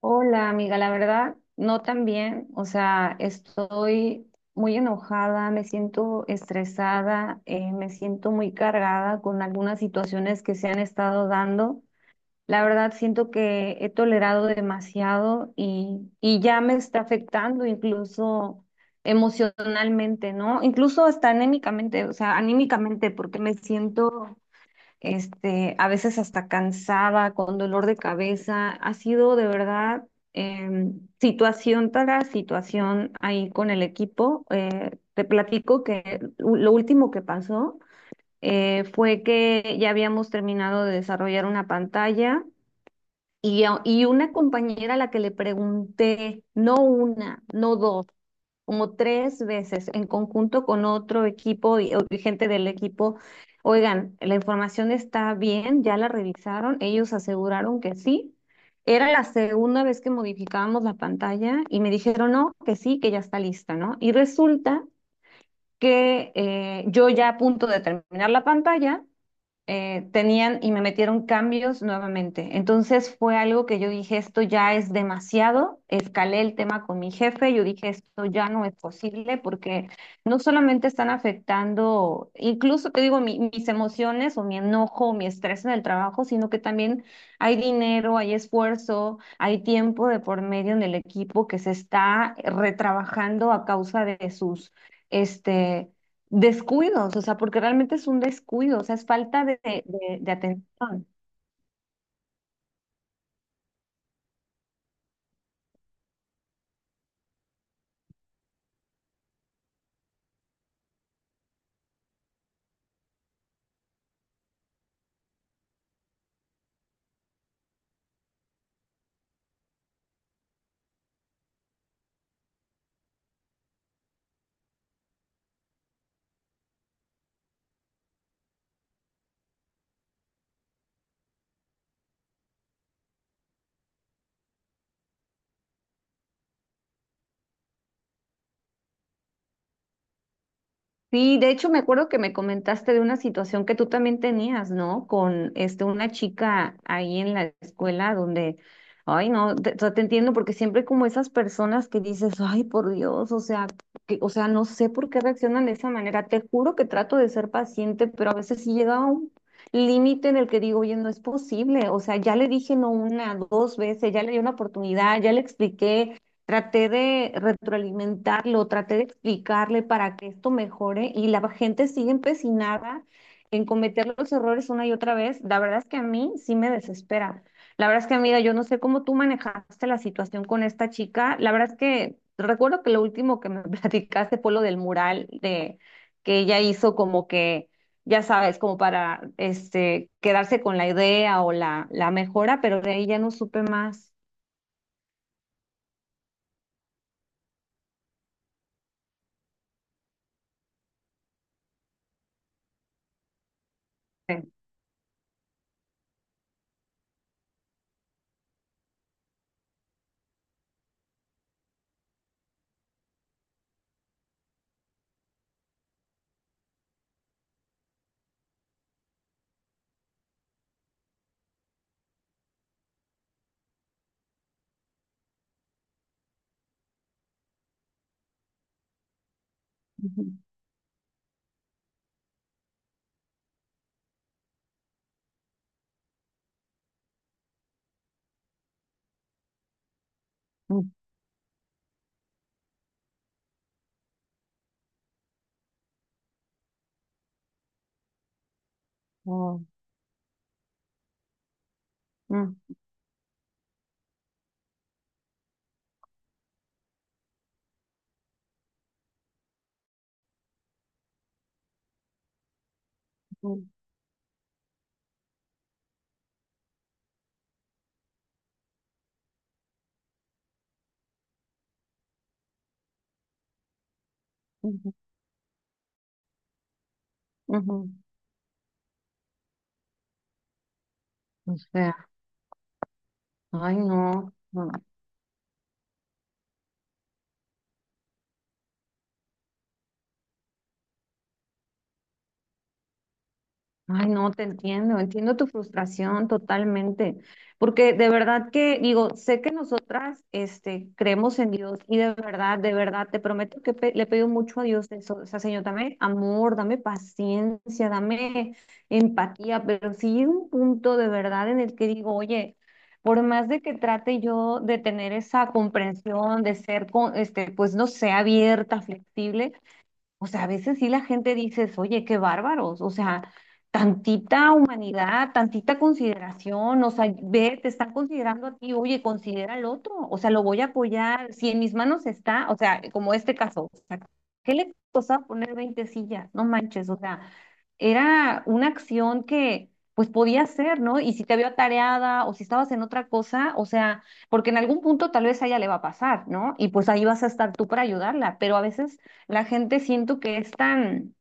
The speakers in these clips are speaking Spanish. Hola, amiga, la verdad, no tan bien. O sea, estoy muy enojada, me siento estresada, me siento muy cargada con algunas situaciones que se han estado dando. La verdad, siento que he tolerado demasiado y ya me está afectando incluso emocionalmente, ¿no? Incluso hasta anímicamente, o sea, anímicamente, porque me siento este, a veces hasta cansada, con dolor de cabeza. Ha sido de verdad situación tras situación ahí con el equipo. Te platico que lo último que pasó fue que ya habíamos terminado de desarrollar una pantalla. Y una compañera a la que le pregunté, no una, no dos, como tres veces en conjunto con otro equipo y gente del equipo. Oigan, la información está bien, ya la revisaron, ellos aseguraron que sí. Era la segunda vez que modificábamos la pantalla y me dijeron no, que sí, que ya está lista, ¿no? Y resulta que yo ya a punto de terminar la pantalla tenían y me metieron cambios nuevamente. Entonces fue algo que yo dije, esto ya es demasiado, escalé el tema con mi jefe, yo dije, esto ya no es posible porque no solamente están afectando, incluso te digo, mis emociones o mi enojo o mi estrés en el trabajo, sino que también hay dinero, hay esfuerzo, hay tiempo de por medio en el equipo que se está retrabajando a causa de sus Este, descuidos, o sea, porque realmente es un descuido, o sea, es falta de atención. Sí, de hecho me acuerdo que me comentaste de una situación que tú también tenías, ¿no? Con este una chica ahí en la escuela donde, ay, no, te, o sea, te entiendo porque siempre hay como esas personas que dices, ay, por Dios, o sea, que, o sea, no sé por qué reaccionan de esa manera. Te juro que trato de ser paciente, pero a veces sí llega a un límite en el que digo, oye, no es posible, o sea, ya le dije no una, dos veces, ya le di una oportunidad, ya le expliqué. Traté de retroalimentarlo, traté de explicarle para que esto mejore y la gente sigue empecinada en cometer los errores una y otra vez. La verdad es que a mí sí me desespera. La verdad es que, amiga, yo no sé cómo tú manejaste la situación con esta chica. La verdad es que recuerdo que lo último que me platicaste fue lo del mural de que ella hizo como que, ya sabes, como para este quedarse con la idea o la mejora, pero de ahí ya no supe más. Sí. Ujú. Mm. Ujú, ujú, ujú. O sea, ay no, no. Ay, no, te entiendo, entiendo tu frustración totalmente, porque de verdad que digo, sé que nosotras este, creemos en Dios y de verdad, te prometo que le pido mucho a Dios de eso, o sea, Señor, dame amor, dame paciencia, dame empatía, pero sí llega un punto de verdad en el que digo, oye, por más de que trate yo de tener esa comprensión, de ser, con, este, pues no sé, abierta, flexible. O sea, a veces sí la gente dices oye, qué bárbaros, o sea, tantita humanidad, tantita consideración, o sea, ve, te están considerando a ti, oye, considera al otro, o sea, lo voy a apoyar, si en mis manos está, o sea, como este caso, o sea, ¿qué le costaba poner 20 sillas? No manches, o sea, era una acción que pues podía hacer, ¿no? Y si te vio atareada o si estabas en otra cosa, o sea, porque en algún punto tal vez a ella le va a pasar, ¿no? Y pues ahí vas a estar tú para ayudarla, pero a veces la gente siento que es tan,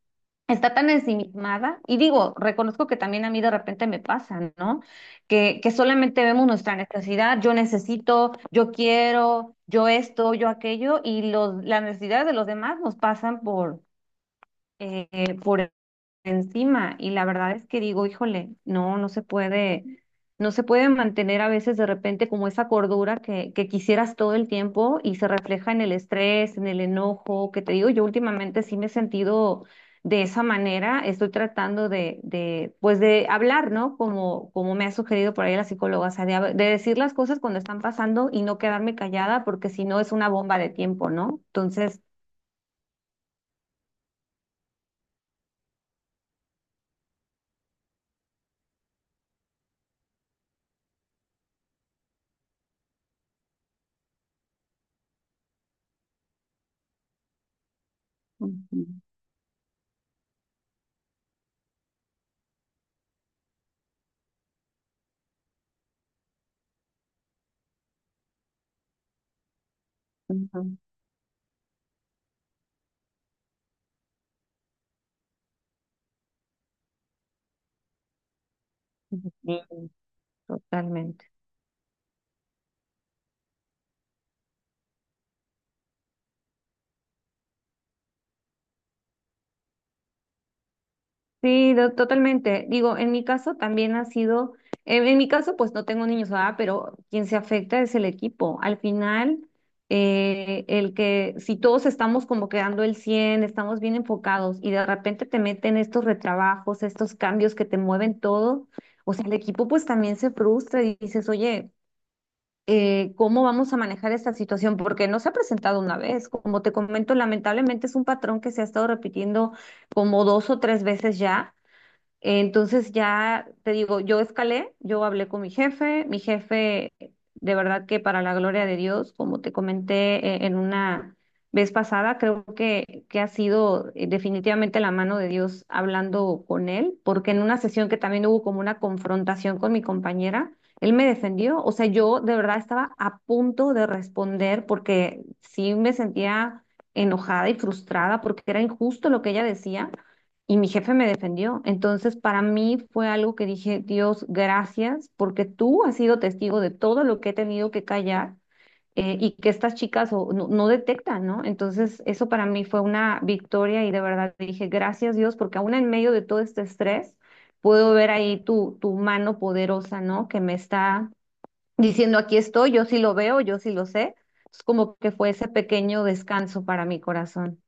está tan ensimismada, y digo, reconozco que también a mí de repente me pasa, ¿no? Que solamente vemos nuestra necesidad, yo necesito, yo quiero, yo esto, yo aquello, y los, las necesidades de los demás nos pasan eh, por encima. Y la verdad es que digo, híjole, no, no se puede, no se puede mantener a veces de repente como esa cordura que quisieras todo el tiempo y se refleja en el estrés, en el enojo, que te digo, yo últimamente sí me he sentido de esa manera, estoy tratando de pues de hablar, ¿no? Como, como me ha sugerido por ahí la psicóloga, o sea, de decir las cosas cuando están pasando y no quedarme callada porque si no es una bomba de tiempo, ¿no? Entonces. Ujú, ujú, ujú. Sí, totalmente. Sí, totalmente. Digo, en mi caso también ha sido, en mi caso pues no tengo niños, ¿verdad? Pero quien se afecta es el equipo. Al final, el que si todos estamos como quedando el 100, estamos bien enfocados y de repente te meten estos retrabajos, estos cambios que te mueven todo, o sea, el equipo pues también se frustra y dices, oye, ¿cómo vamos a manejar esta situación? Porque no se ha presentado una vez. Como te comento, lamentablemente es un patrón que se ha estado repitiendo como 2 o 3 veces ya. Entonces ya te digo, yo escalé, yo hablé con mi jefe, de verdad que para la gloria de Dios, como te comenté en una vez pasada, creo que ha sido definitivamente la mano de Dios hablando con él, porque en una sesión que también hubo como una confrontación con mi compañera, él me defendió, o sea, yo de verdad estaba a punto de responder porque sí me sentía enojada y frustrada porque era injusto lo que ella decía. Y mi jefe me defendió. Entonces, para mí fue algo que dije, Dios, gracias, porque tú has sido testigo de todo lo que he tenido que callar y que estas chicas no, no detectan, ¿no? Entonces, eso para mí fue una victoria y de verdad dije, gracias Dios, porque aún en medio de todo este estrés, puedo ver ahí tu mano poderosa, ¿no? Que me está diciendo, aquí estoy, yo sí lo veo, yo sí lo sé. Es como que fue ese pequeño descanso para mi corazón.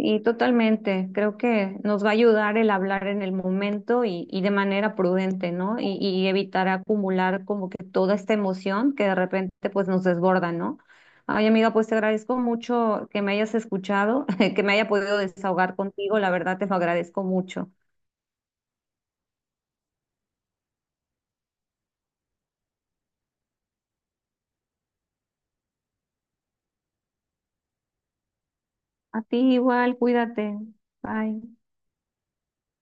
Y totalmente, creo que nos va a ayudar el hablar en el momento y de manera prudente, ¿no? Y evitar acumular como que toda esta emoción que de repente pues nos desborda, ¿no? Ay, amiga, pues te agradezco mucho que me hayas escuchado, que me haya podido desahogar contigo, la verdad te lo agradezco mucho. A ti igual, cuídate. Bye.